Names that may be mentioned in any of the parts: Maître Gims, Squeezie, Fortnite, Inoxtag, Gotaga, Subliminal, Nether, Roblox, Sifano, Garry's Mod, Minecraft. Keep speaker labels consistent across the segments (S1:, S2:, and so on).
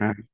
S1: Ouais.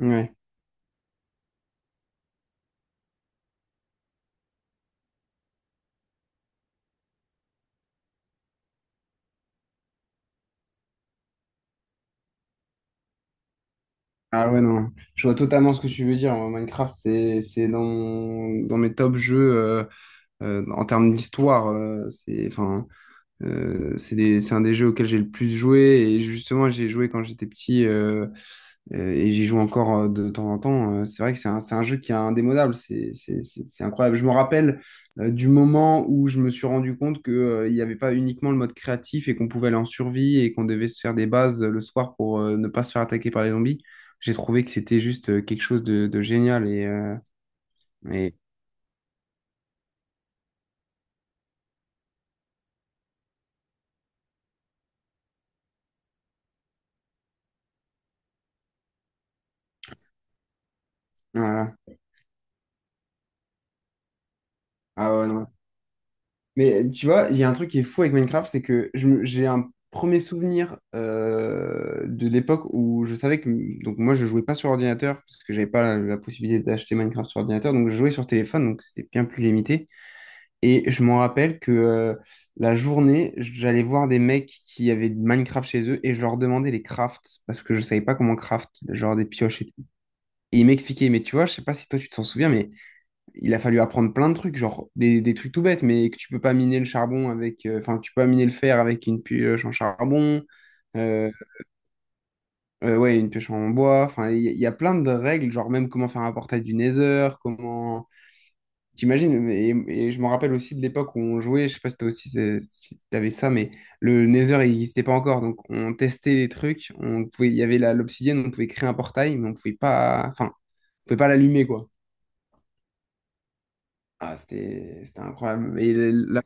S1: Ouais. Ah ouais, non. Je vois totalement ce que tu veux dire. Moi, Minecraft, c'est dans, dans mes top jeux en termes d'histoire. C'est, enfin, c'est c'est un des jeux auxquels j'ai le plus joué. Et justement, j'ai joué quand j'étais petit. Et j'y joue encore de temps en temps. C'est vrai que c'est un jeu qui est indémodable. C'est incroyable. Je me rappelle du moment où je me suis rendu compte que, il n'y avait pas uniquement le mode créatif et qu'on pouvait aller en survie et qu'on devait se faire des bases le soir pour ne pas se faire attaquer par les zombies. J'ai trouvé que c'était juste quelque chose de génial. Et voilà. Ah ouais, non, mais tu vois, il y a un truc qui est fou avec Minecraft, c'est que j'ai un premier souvenir de l'époque où je savais que... Donc moi, je jouais pas sur ordinateur, parce que j'avais pas la, la possibilité d'acheter Minecraft sur ordinateur, donc je jouais sur téléphone, donc c'était bien plus limité. Et je m'en rappelle que la journée, j'allais voir des mecs qui avaient de Minecraft chez eux, et je leur demandais les crafts, parce que je savais pas comment craft, genre des pioches et tout. Et ils m'expliquaient, mais tu vois, je sais pas si toi tu t'en souviens, mais il a fallu apprendre plein de trucs, genre des trucs tout bêtes, mais que tu peux pas miner le charbon avec, enfin, tu peux pas miner le fer avec une pioche en charbon, euh, ouais, une pioche en bois, enfin, il y a plein de règles, genre même comment faire un portail du Nether, comment. T'imagines, et je me rappelle aussi de l'époque où on jouait, je sais pas si toi aussi si t'avais ça, mais le Nether il n'existait pas encore, donc on testait les trucs, on pouvait, il y avait l'obsidienne, on pouvait créer un portail, mais on pouvait pas, enfin, on pouvait pas l'allumer, quoi. Ah, c'était incroyable. Et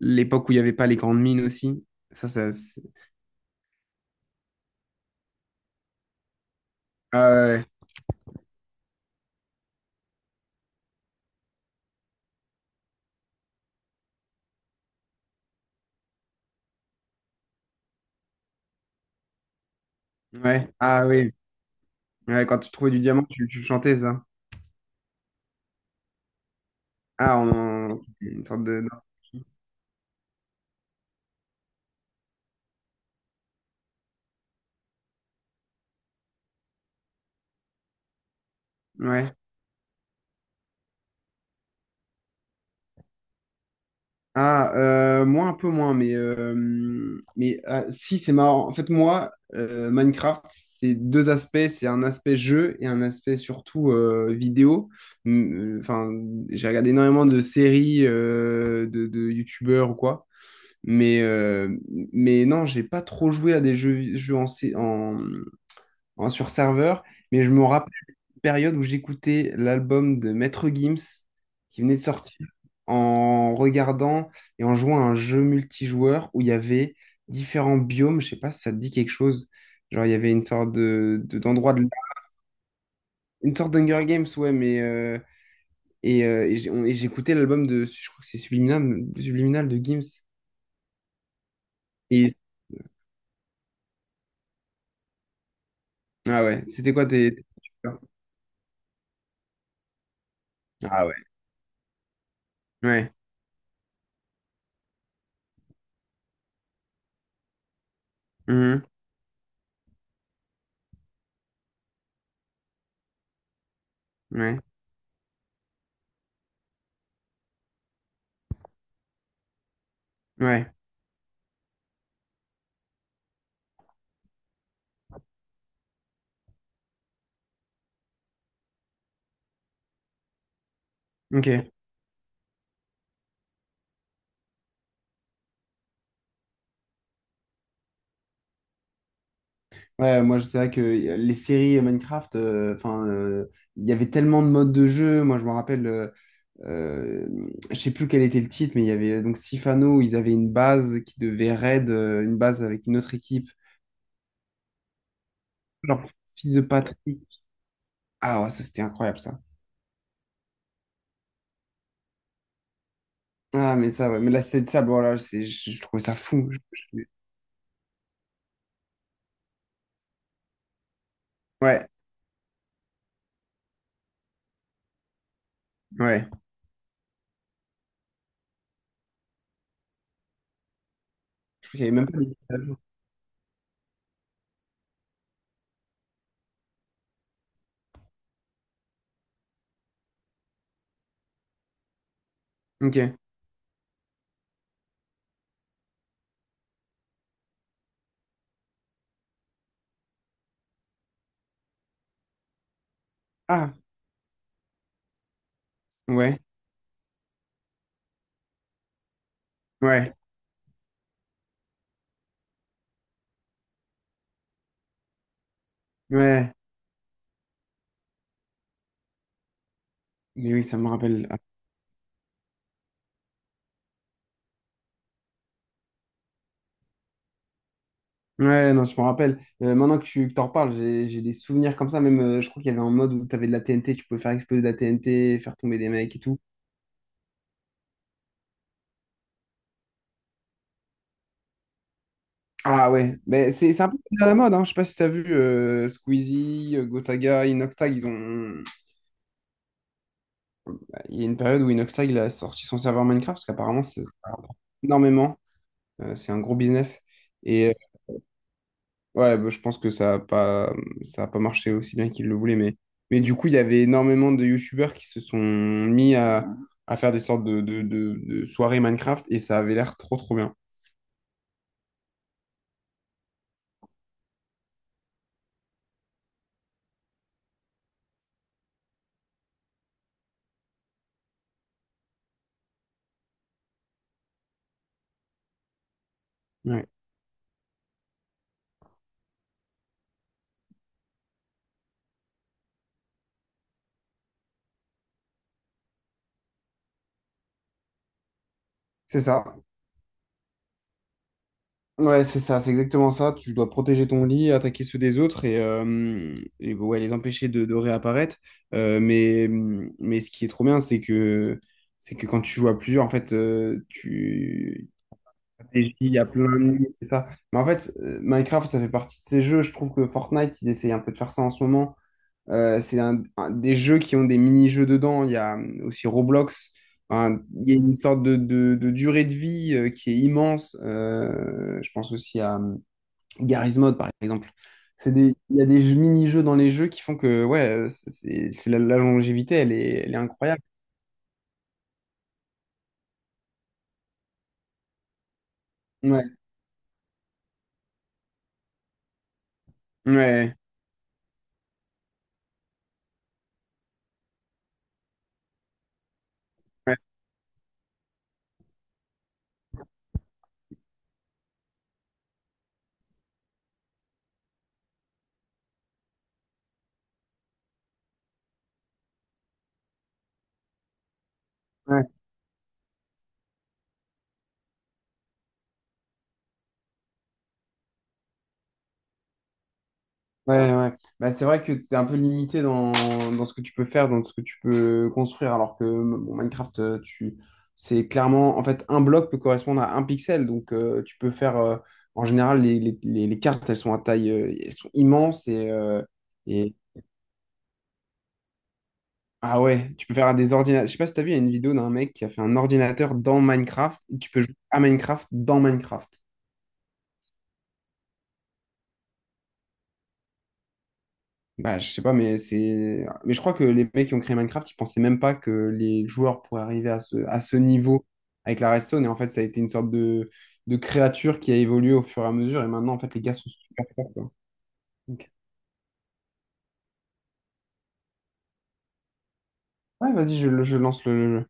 S1: l'époque où il n'y avait pas les grandes mines aussi, ça, ça. Ah ouais, ouais. Ah oui. Ouais, quand tu trouvais du diamant, tu chantais ça. Ah, on... une sorte de. Ouais. Ah, moi un peu moins, mais ah, si, c'est marrant. En fait, moi, Minecraft, c'est deux aspects. C'est un aspect jeu et un aspect surtout vidéo. Enfin, j'ai regardé énormément de séries de youtubeurs ou quoi. Mais, euh, mais non, j'ai pas trop joué à des jeux, jeux en, en, sur serveur, mais je me rappelle une période où j'écoutais l'album de Maître Gims qui venait de sortir en regardant et en jouant à un jeu multijoueur où il y avait différents biomes, je sais pas si ça te dit quelque chose. Genre, il y avait une sorte de, d'endroit de, une sorte d'Hunger Games, ouais, mais et et j'écoutais l'album de, je crois que c'est Subliminal, Subliminal de Gims. Et, ah ouais, c'était quoi tes. Ah ouais. Ouais. Mhm. Ouais. Ouais. Ok. Ouais, moi, c'est vrai que les séries Minecraft, enfin, il y avait tellement de modes de jeu. Moi, je me rappelle, euh, je sais plus quel était le titre, mais il y avait donc Sifano, où ils avaient une base qui devait raid, une base avec une autre équipe. Genre, fils de Patrick. Ah, ouais, ça, c'était incroyable, ça. Ah, mais ça, ouais. Mais là, c'était de ça. Bon, là, c'est, je trouvais ça fou. Je- Ouais, ouais. Je crois qu'il y avait même pas des... Ok. Ah, ouais, ouais, ouais. Mais oui, ça me rappelle. Ouais, non, je me rappelle. Maintenant que tu que t'en reparles, j'ai des souvenirs comme ça. Même, je crois qu'il y avait un mode où tu avais de la TNT, tu pouvais faire exploser de la TNT, faire tomber des mecs et tout. Ah ouais, mais c'est un peu à la mode, hein. Je sais pas si t'as vu Squeezie, Gotaga, Inoxtag, ils ont... Bah, il y a une période où Inoxtag il a sorti son serveur Minecraft, parce qu'apparemment, ça rapporte énormément. C'est un gros business. Et ouais, bah, je pense que ça a pas marché aussi bien qu'ils le voulaient, mais du coup, il y avait énormément de youtubeurs qui se sont mis à faire des sortes de, de soirées Minecraft et ça avait l'air trop trop bien. Ouais. C'est ça. Ouais, c'est ça, c'est exactement ça. Tu dois protéger ton lit, attaquer ceux des autres et ouais, les empêcher de réapparaître. Euh, mais, mais ce qui est trop bien, c'est que quand tu joues à plusieurs, en fait, tu, stratégie, il y a plein de nuits, c'est ça. Mais en fait, Minecraft, ça fait partie de ces jeux. Je trouve que Fortnite, ils essayent un peu de faire ça en ce moment. C'est un, des jeux qui ont des mini-jeux dedans. Il y a aussi Roblox. Enfin, il y a une sorte de, de durée de vie qui est immense. Je pense aussi à Garry's Mod, par exemple. C'est des, il y a des mini-jeux dans les jeux qui font que ouais, c'est, la, la longévité, elle est incroyable. Ouais, ouais, ouais. Ouais. Ouais, ouais. Bah, c'est vrai que tu es un peu limité dans, dans ce que tu peux faire, dans ce que tu peux construire, alors que bon, Minecraft, tu, c'est clairement, en fait, un bloc peut correspondre à un pixel, donc tu peux faire, en général, les, les cartes, elles sont à taille, elles sont immenses et, ah ouais, tu peux faire des ordinateurs, je sais pas si t'as vu, il y a une vidéo d'un mec qui a fait un ordinateur dans Minecraft, et tu peux jouer à Minecraft dans Minecraft. Bah, je sais pas, mais c'est. Mais je crois que les mecs qui ont créé Minecraft, ils pensaient même pas que les joueurs pourraient arriver à ce niveau avec la redstone. Et en fait, ça a été une sorte de créature qui a évolué au fur et à mesure. Et maintenant, en fait, les gars sont super forts, quoi. Ok. Ouais, vas-y, je lance le jeu.